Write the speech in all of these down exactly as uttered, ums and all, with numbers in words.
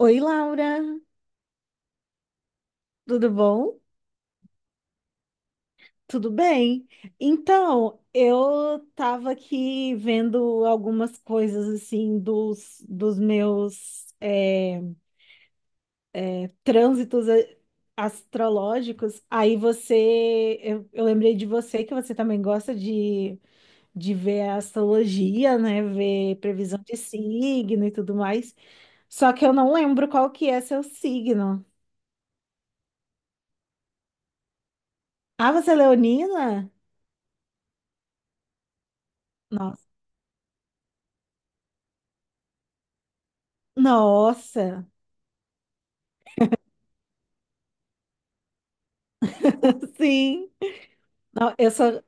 Oi, Laura, tudo bom? Tudo bem? Então, eu estava aqui vendo algumas coisas assim dos, dos meus é, trânsitos a- astrológicos. Aí você, eu, eu lembrei de você que você também gosta de, de ver a astrologia, né? Ver previsão de signo e tudo mais. Só que eu não lembro qual que é seu signo. Ah, você é leonina? Nossa. Nossa. Sim. Não, eu sou,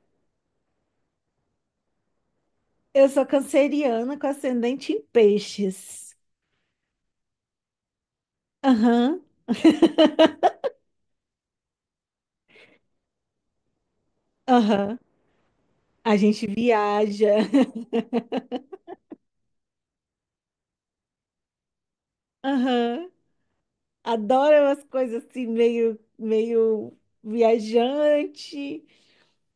eu sou canceriana com ascendente em peixes. Aham, aham. A gente viaja. Aham. Adoro umas coisas assim, meio, meio viajante,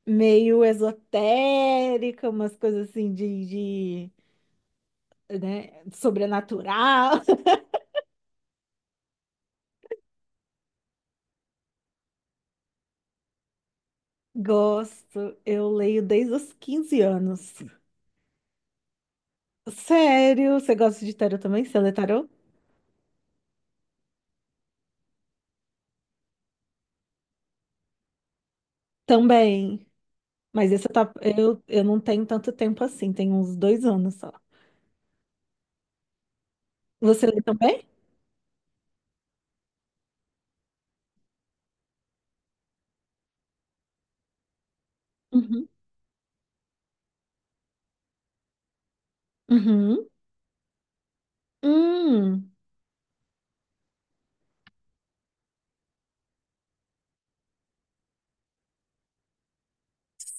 meio esotérica, umas coisas assim de, de, né, sobrenatural. Gosto, eu leio desde os quinze anos. Sério, você gosta de tarot também? Você lê tarot? Também. Mas esse tá, eu, eu não tenho tanto tempo assim, tem uns dois anos só. Você lê também? Uhum. Uhum. Hum,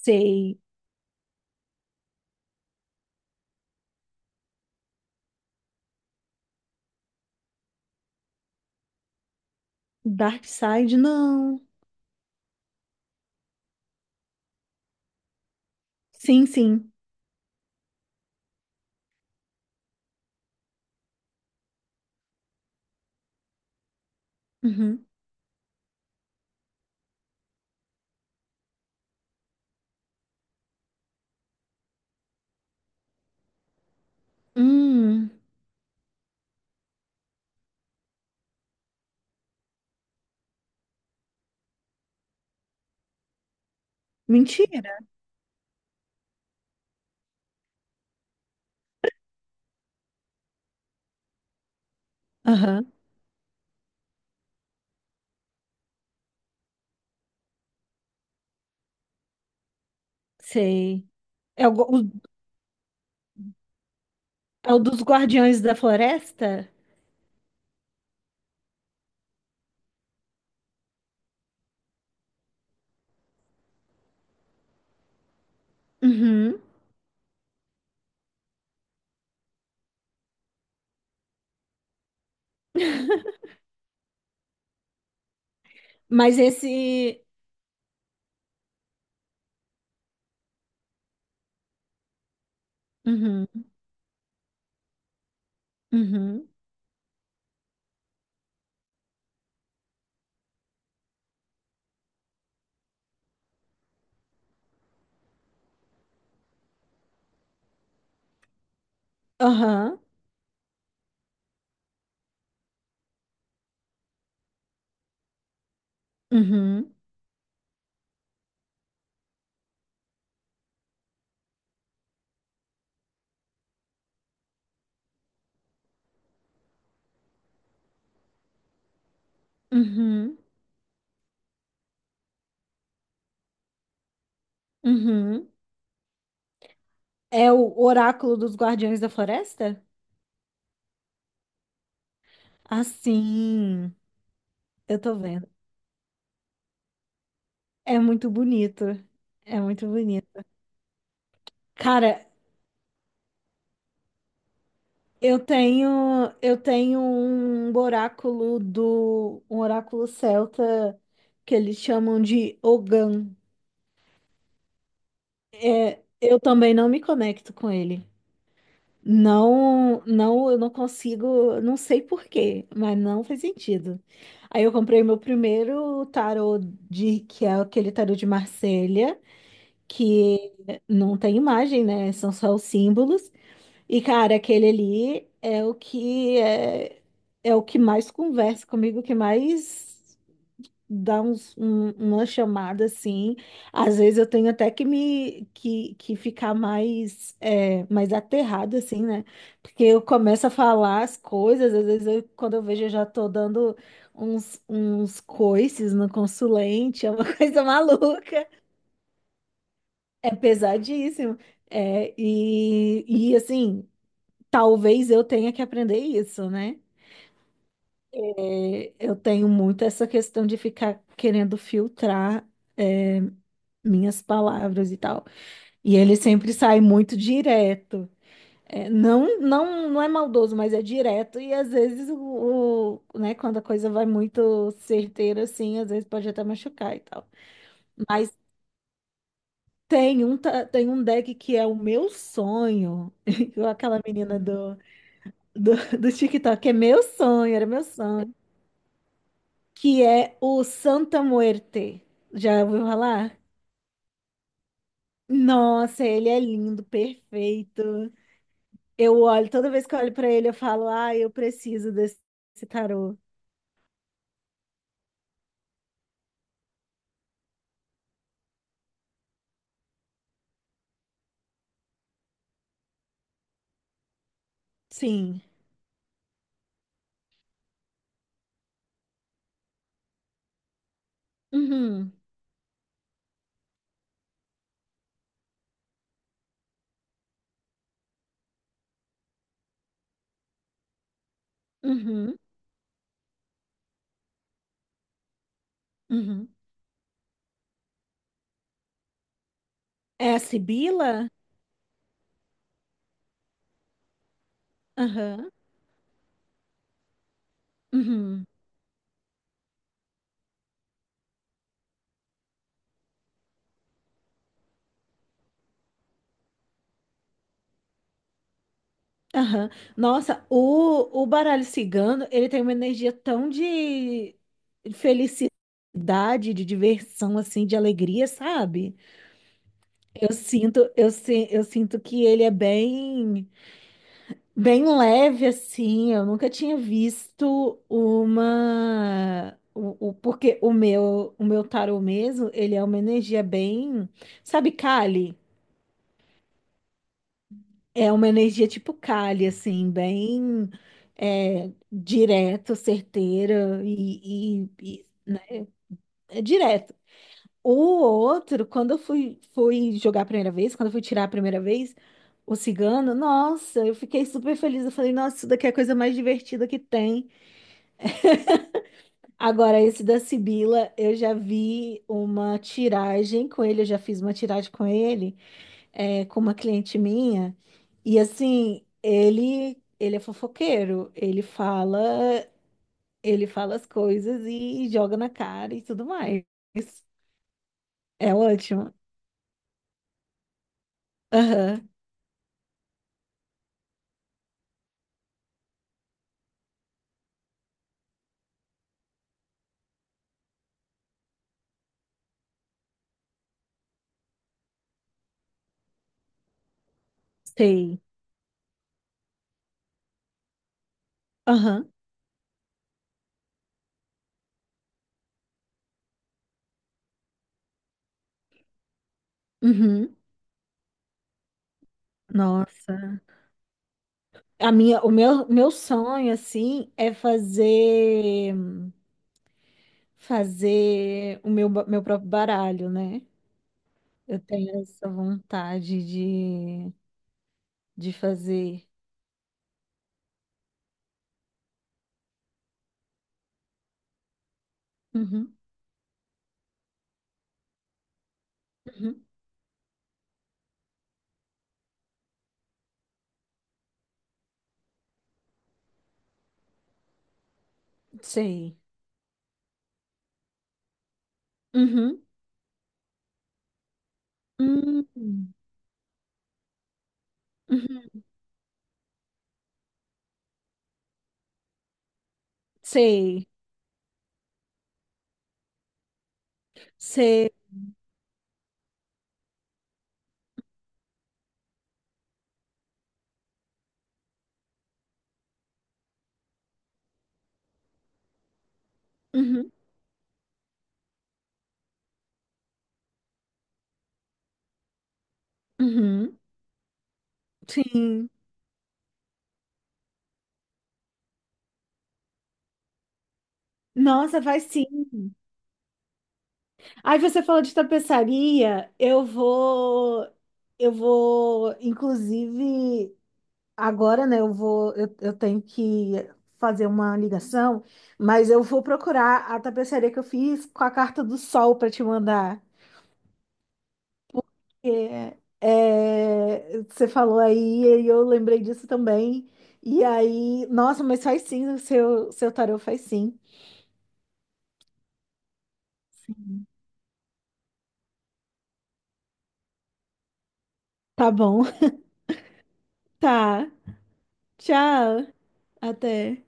sei. Dark Side, não. Sim, sim. Uhum. Hum, mentira. Aham, sei. É o, go- o- é o dos Guardiões da Floresta? Uhum. Mas esse. Uhum. Uhum. Aham. Uhum. Uhum. Uhum. É o Oráculo dos Guardiões da Floresta? Ah, sim. Eu tô vendo. É muito bonito. É muito bonito. Cara, eu tenho eu tenho um oráculo do um oráculo celta que eles chamam de Ogan. Eu também não me conecto com ele. Não, não, eu não consigo, não sei por quê, mas não faz sentido. Aí eu comprei meu primeiro tarô de que é aquele tarô de Marselha, que não tem imagem, né? São só os símbolos. E, cara, aquele ali é o que é, é o que mais conversa comigo, que mais dá uns, um- uma chamada assim. Às vezes eu tenho até que me que, que ficar mais é, mais aterrada assim, né? Porque eu começo a falar as coisas, às vezes eu- quando eu vejo eu já tô dando uns, uns coices no consulente, é uma coisa maluca. É pesadíssimo. É. e, e assim. Talvez eu tenha que aprender isso, né? É, eu tenho muito essa questão de ficar querendo filtrar minhas palavras e tal. E ele sempre sai muito direto. É, não, não, não é maldoso, mas é direto. E às vezes, o, o- né, quando a coisa vai muito certeira, assim, às vezes pode até machucar e tal. Mas tem um, ta- tem um deck que é o meu sonho. Igual aquela menina do, do, do TikTok, é meu sonho, era meu sonho. Que é o Santa Muerte. Já ouviu falar? Nossa, ele é lindo, perfeito. Eu olho, toda vez que eu olho pra ele, eu falo, ah, eu preciso desse desse tarô. Sim. Uhum, uhum, uhum. É a Sibila? Aham, uhum, aham. Nossa, o, o baralho cigano, ele tem uma energia tão de felicidade, de diversão, assim, de alegria, sabe? Eu sinto, eu, si- eu sinto que ele é bem, bem leve assim. Eu nunca tinha visto uma o, o- porque o meu, o meu tarô mesmo, ele é uma energia bem, sabe, Kali? É uma energia tipo Kali assim, bem é, direta, certeira e, e, e- é direta. O outro, quando eu fui, fui jogar a primeira vez, quando eu fui tirar a primeira vez, o cigano, nossa, eu fiquei super feliz. Eu falei, nossa, isso daqui é a coisa mais divertida que tem. Agora, esse da Sibila, eu já vi uma tiragem com ele, eu já fiz uma tiragem com ele, é, com uma cliente minha. E assim, ele, ele é fofoqueiro, ele fala, ele fala as coisas e joga na cara e tudo mais. É ótimo. Aham, sei. Aham. Uhum. Nossa. A minha, o meu, meu sonho, assim, é fazer fazer o meu, ba- meu próprio baralho, né? Eu tenho essa vontade de, de fazer. Uhum. Uhum. Sei. Uhum. Uhum. Uhum. Sei. Sei. Uhum. Uhum. Sim. Nossa, vai sim. Aí você falou de tapeçaria, eu vou, eu vou, inclusive. Agora, né, eu vou, eu, eu tenho que fazer uma ligação, mas eu vou procurar a tapeçaria que eu fiz com a carta do sol para te mandar. É, é, você falou aí e eu lembrei disso também. E aí, nossa, mas faz sim, o seu, seu tarô faz sim. Tá bom, tá. Tchau, até.